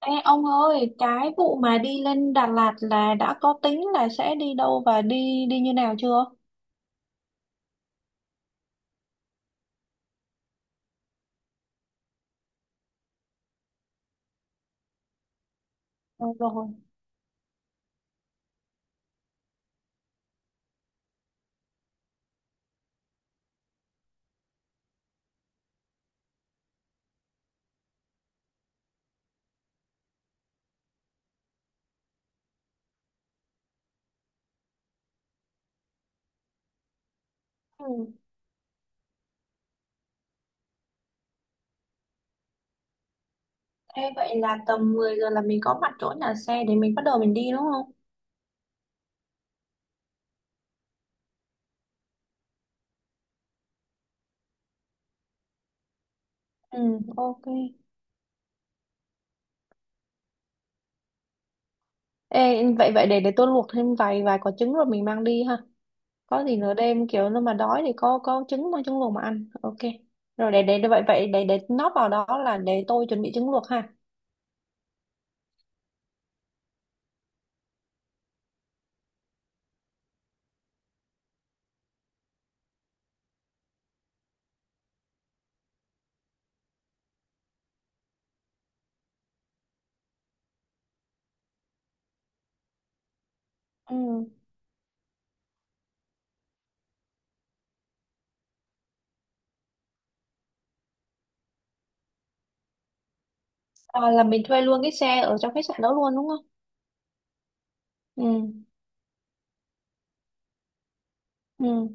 Ê, ông ơi, cái vụ mà đi lên Đà Lạt là đã có tính là sẽ đi đâu và đi đi như nào chưa? Ờ, rồi. Ừ. Ê, vậy là tầm mười giờ là mình có mặt chỗ nhà xe để mình bắt đầu mình đi đúng không? Ừ, ok. Ê, vậy vậy để tôi luộc thêm vài vài quả trứng rồi mình mang đi ha. Có gì nửa đêm kiểu nó mà đói thì có trứng mà trứng luộc mà ăn, ok. Rồi vậy vậy để nót vào đó là để tôi chuẩn bị trứng luộc ha. Ừ. À, là mình thuê luôn cái xe ở trong khách sạn đó luôn đúng không? Ừ. Ừ.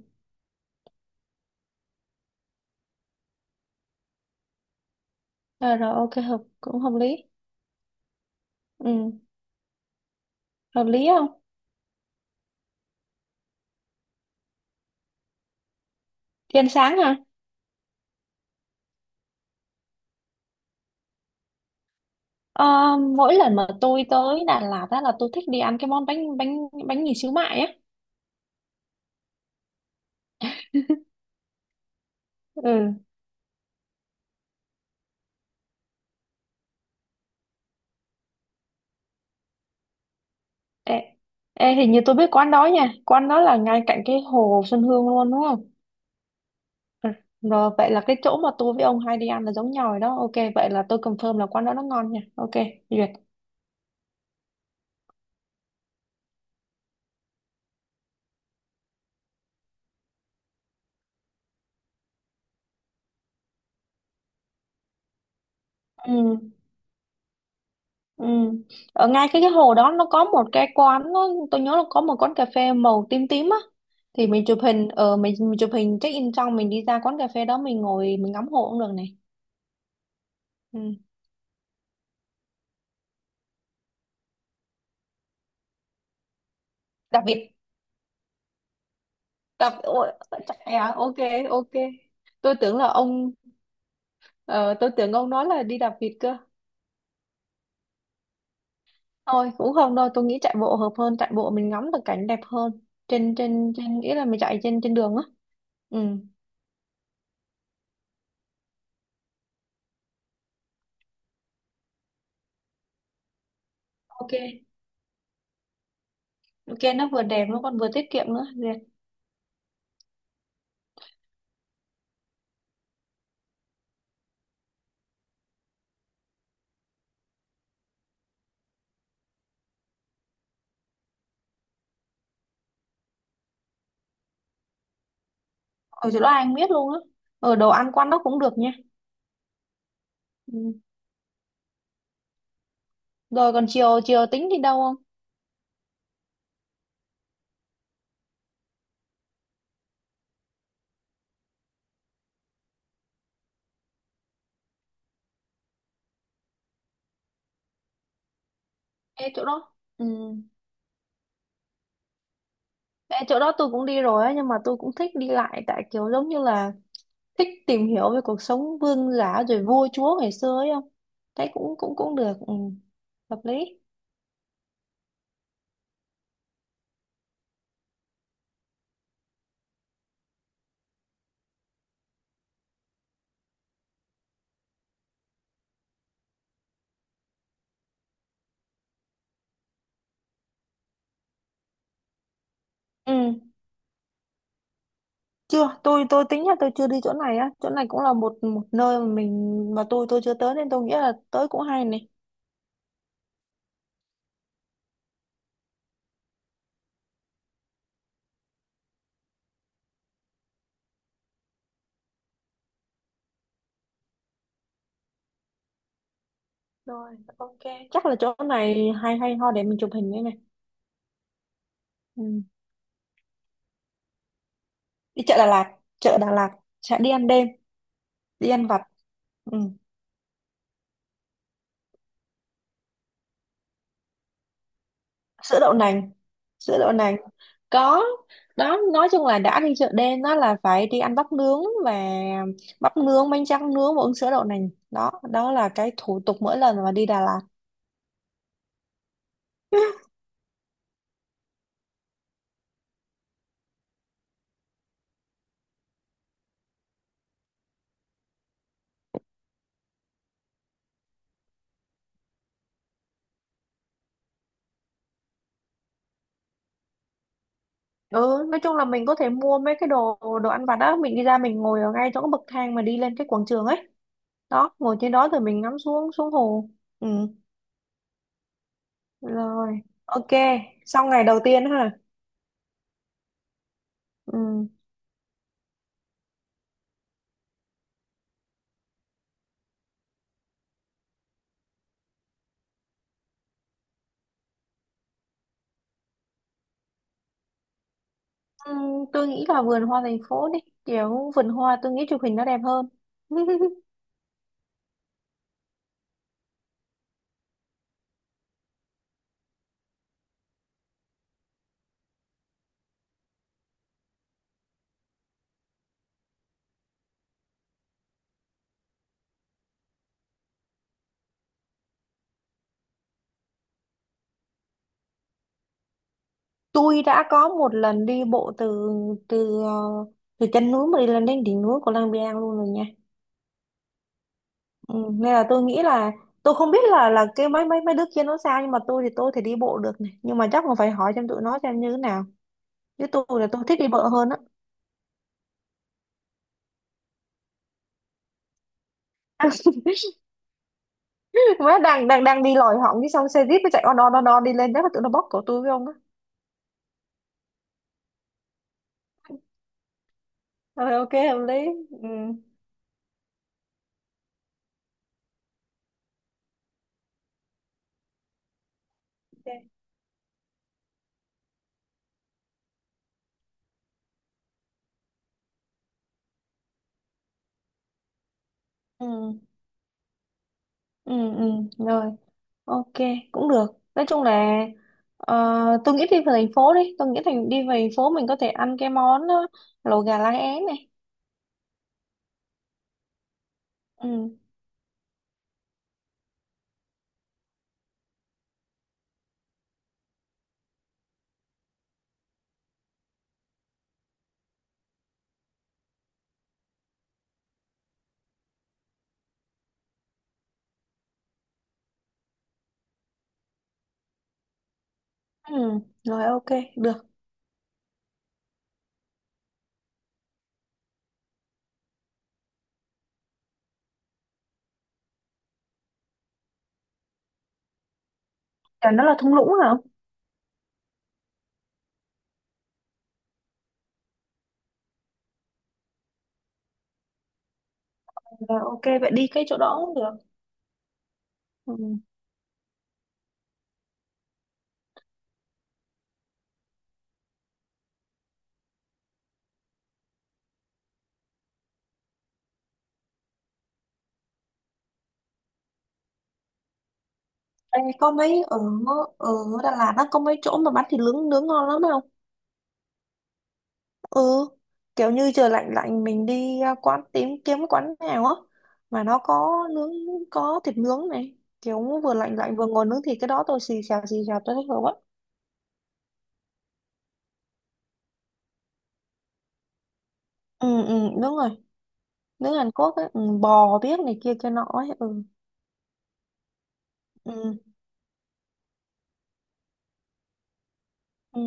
Ờ, rồi, ok, hợp cũng hợp lý. Ừ, hợp lý không? Thì sáng hả? Ờ, mỗi lần mà tôi tới Đà Lạt á là tôi thích đi ăn cái món bánh, bánh mì xíu mại á. Ừ. ê, ê, hình như tôi biết quán đó nha, quán đó là ngay cạnh cái hồ Xuân Hương luôn đúng không? Ừ, rồi vậy là cái chỗ mà tôi với ông hay đi ăn là giống nhau rồi đó. Ok, vậy là tôi confirm là quán đó nó ngon nha. Ok, duyệt. Ừ. Ừ. Ở ngay cái hồ đó nó có một cái quán, nó, tôi nhớ là có một quán cà phê màu tím tím á, thì mình chụp hình ở mình, chụp hình check in xong mình đi ra quán cà phê đó mình ngồi mình ngắm hồ cũng được này. Ừ. Đặc biệt. Ôi, trời ạ, ok. Ok. Tôi tưởng là ông, ờ, tôi tưởng ông nói là đi đạp vịt cơ. Thôi cũng không đâu, tôi nghĩ chạy bộ hợp hơn, chạy bộ mình ngắm được cảnh đẹp hơn. Trên trên trên Nghĩa là mình chạy trên trên đường á. Ừ. Ok. Ok, nó vừa đẹp nó còn vừa tiết kiệm nữa. Dạ. Ở chỗ đó anh biết luôn á. Ở đồ ăn quán đó cũng được nha. Ừ. Rồi còn chiều, tính đi đâu không? Ê chỗ đó. Ừ. Ê, chỗ đó tôi cũng đi rồi á nhưng mà tôi cũng thích đi lại, tại kiểu giống như là thích tìm hiểu về cuộc sống vương giả rồi vua chúa ngày xưa ấy không, thấy cũng cũng cũng được. Ừ. Hợp lý. Ừ. Chưa, tôi tính là tôi chưa đi chỗ này á, chỗ này cũng là một một nơi mà mình mà tôi chưa tới nên tôi nghĩ là tới cũng hay này. Rồi, ok. Chắc là chỗ này hay hay ho để mình chụp hình đây này. Ừ. Đi chợ Đà Lạt. chợ Đà Lạt sẽ đi ăn đêm, đi ăn vặt. Ừ. Sữa đậu nành. sữa đậu nành có đó. Nói chung là đã đi chợ đêm đó là phải đi ăn bắp nướng, bánh tráng nướng và uống sữa đậu nành, đó đó là cái thủ tục mỗi lần mà đi Đà Lạt. Ừ, nói chung là mình có thể mua mấy cái đồ đồ ăn vặt đó mình đi ra mình ngồi ở ngay chỗ cái bậc thang mà đi lên cái quảng trường ấy, đó, ngồi trên đó rồi mình ngắm xuống xuống hồ. Ừ. Rồi, ok. Xong ngày đầu tiên ha. Ừ. Ừ, tôi nghĩ là vườn hoa thành phố đi, kiểu vườn hoa tôi nghĩ chụp hình nó đẹp hơn. Tôi đã có một lần đi bộ từ từ ờ, từ chân núi mà đi lên đến đỉnh núi của Lang Biang luôn rồi nha. Ừ, nên là tôi nghĩ là tôi không biết là cái mấy mấy mấy đứa kia nó sao nhưng mà tôi thì tôi thể đi bộ được này, nhưng mà chắc còn phải hỏi xem tụi nó xem như thế nào, chứ tôi là tôi thích đi bộ hơn á. Má đang đang đang đi lòi họng cái xong xe jeep nó chạy on on on on đi lên chắc là tụi nó bóp cổ tôi với ông á. Rồi, ok, hợp lý. Ừ. Ok. Ừ. Ừ, ừ. Rồi, ok, cũng được. Nói chung là, ờ, tôi nghĩ đi về thành phố đi, tôi nghĩ đi về thành phố mình có thể ăn cái món, lẩu gà lá é này. Ừ. Ừ. Rồi, ok, được. Chả nó là thung lũng hả? Rồi, ok, vậy đi cái chỗ đó cũng được. Ừ. Ê, có mấy ở, ở Đà Lạt á có mấy chỗ mà bán thịt nướng nướng ngon lắm không? Ừ, kiểu như trời lạnh lạnh mình đi, quán, tìm kiếm cái quán nào á mà nó có nướng, có thịt nướng này, kiểu vừa lạnh lạnh vừa ngồi nướng thịt cái đó tôi xì xào tôi thích rồi quá. Ừ, ừ. Đúng rồi, nướng Hàn Quốc ấy. Ừ, bò biết này kia kia nọ ấy. Ừ. Ừ. Ừ.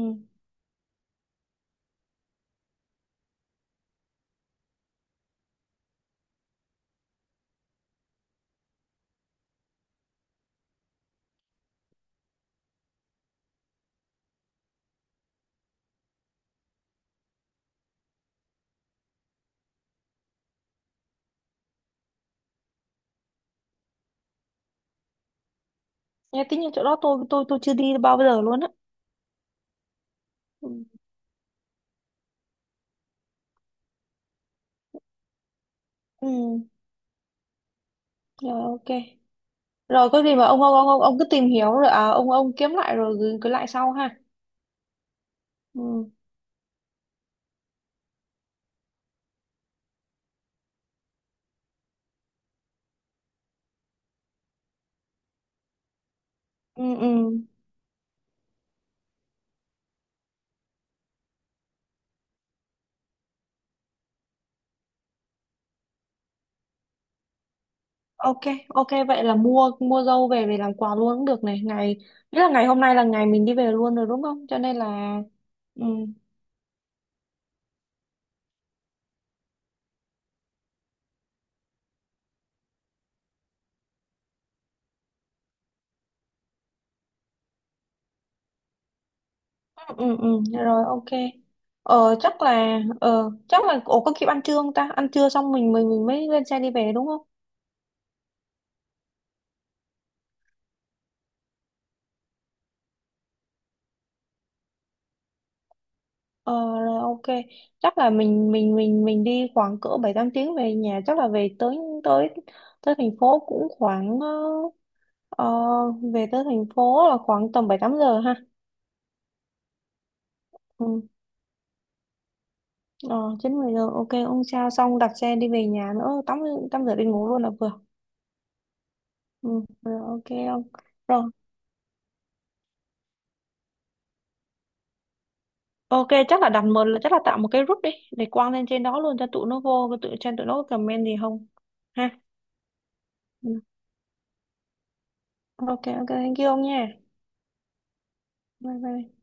Nghe tính như chỗ đó tôi chưa đi bao giờ luôn á. Ừ, ừ, rồi ok. Rồi có gì mà ông cứ tìm hiểu rồi, à, ông kiếm lại rồi gửi gửi lại sau ha. Ừ. Ừ. Ừ. Ok, ok vậy là mua mua dâu về về làm quà luôn cũng được này. Nghĩa là ngày hôm nay là ngày mình đi về luôn rồi đúng không? Cho nên là, ừ. Ừ. Ừ. Ừ, rồi ok. Chắc là ổ có kịp ăn trưa không ta? Ăn trưa xong mình mới lên xe đi về đúng không? Ờ, rồi, ok. Chắc là mình đi khoảng cỡ 7 8 tiếng về nhà, chắc là về tới tới tới thành phố cũng khoảng, ờ, về tới thành phố là khoảng tầm 7 8 giờ ha. Ừ. Ờ, 9 10 giờ, ok ông, sao xong đặt xe đi về nhà nữa tắm tắm rửa đi ngủ luôn là vừa. Ừ, rồi, ok. Ông, rồi ok chắc là tạo một cái group đi để quăng lên trên đó luôn cho tụi nó vô, cho tụi nó comment gì không ha. Ừ. Ok, ok, thank you ông nha. Bye bye.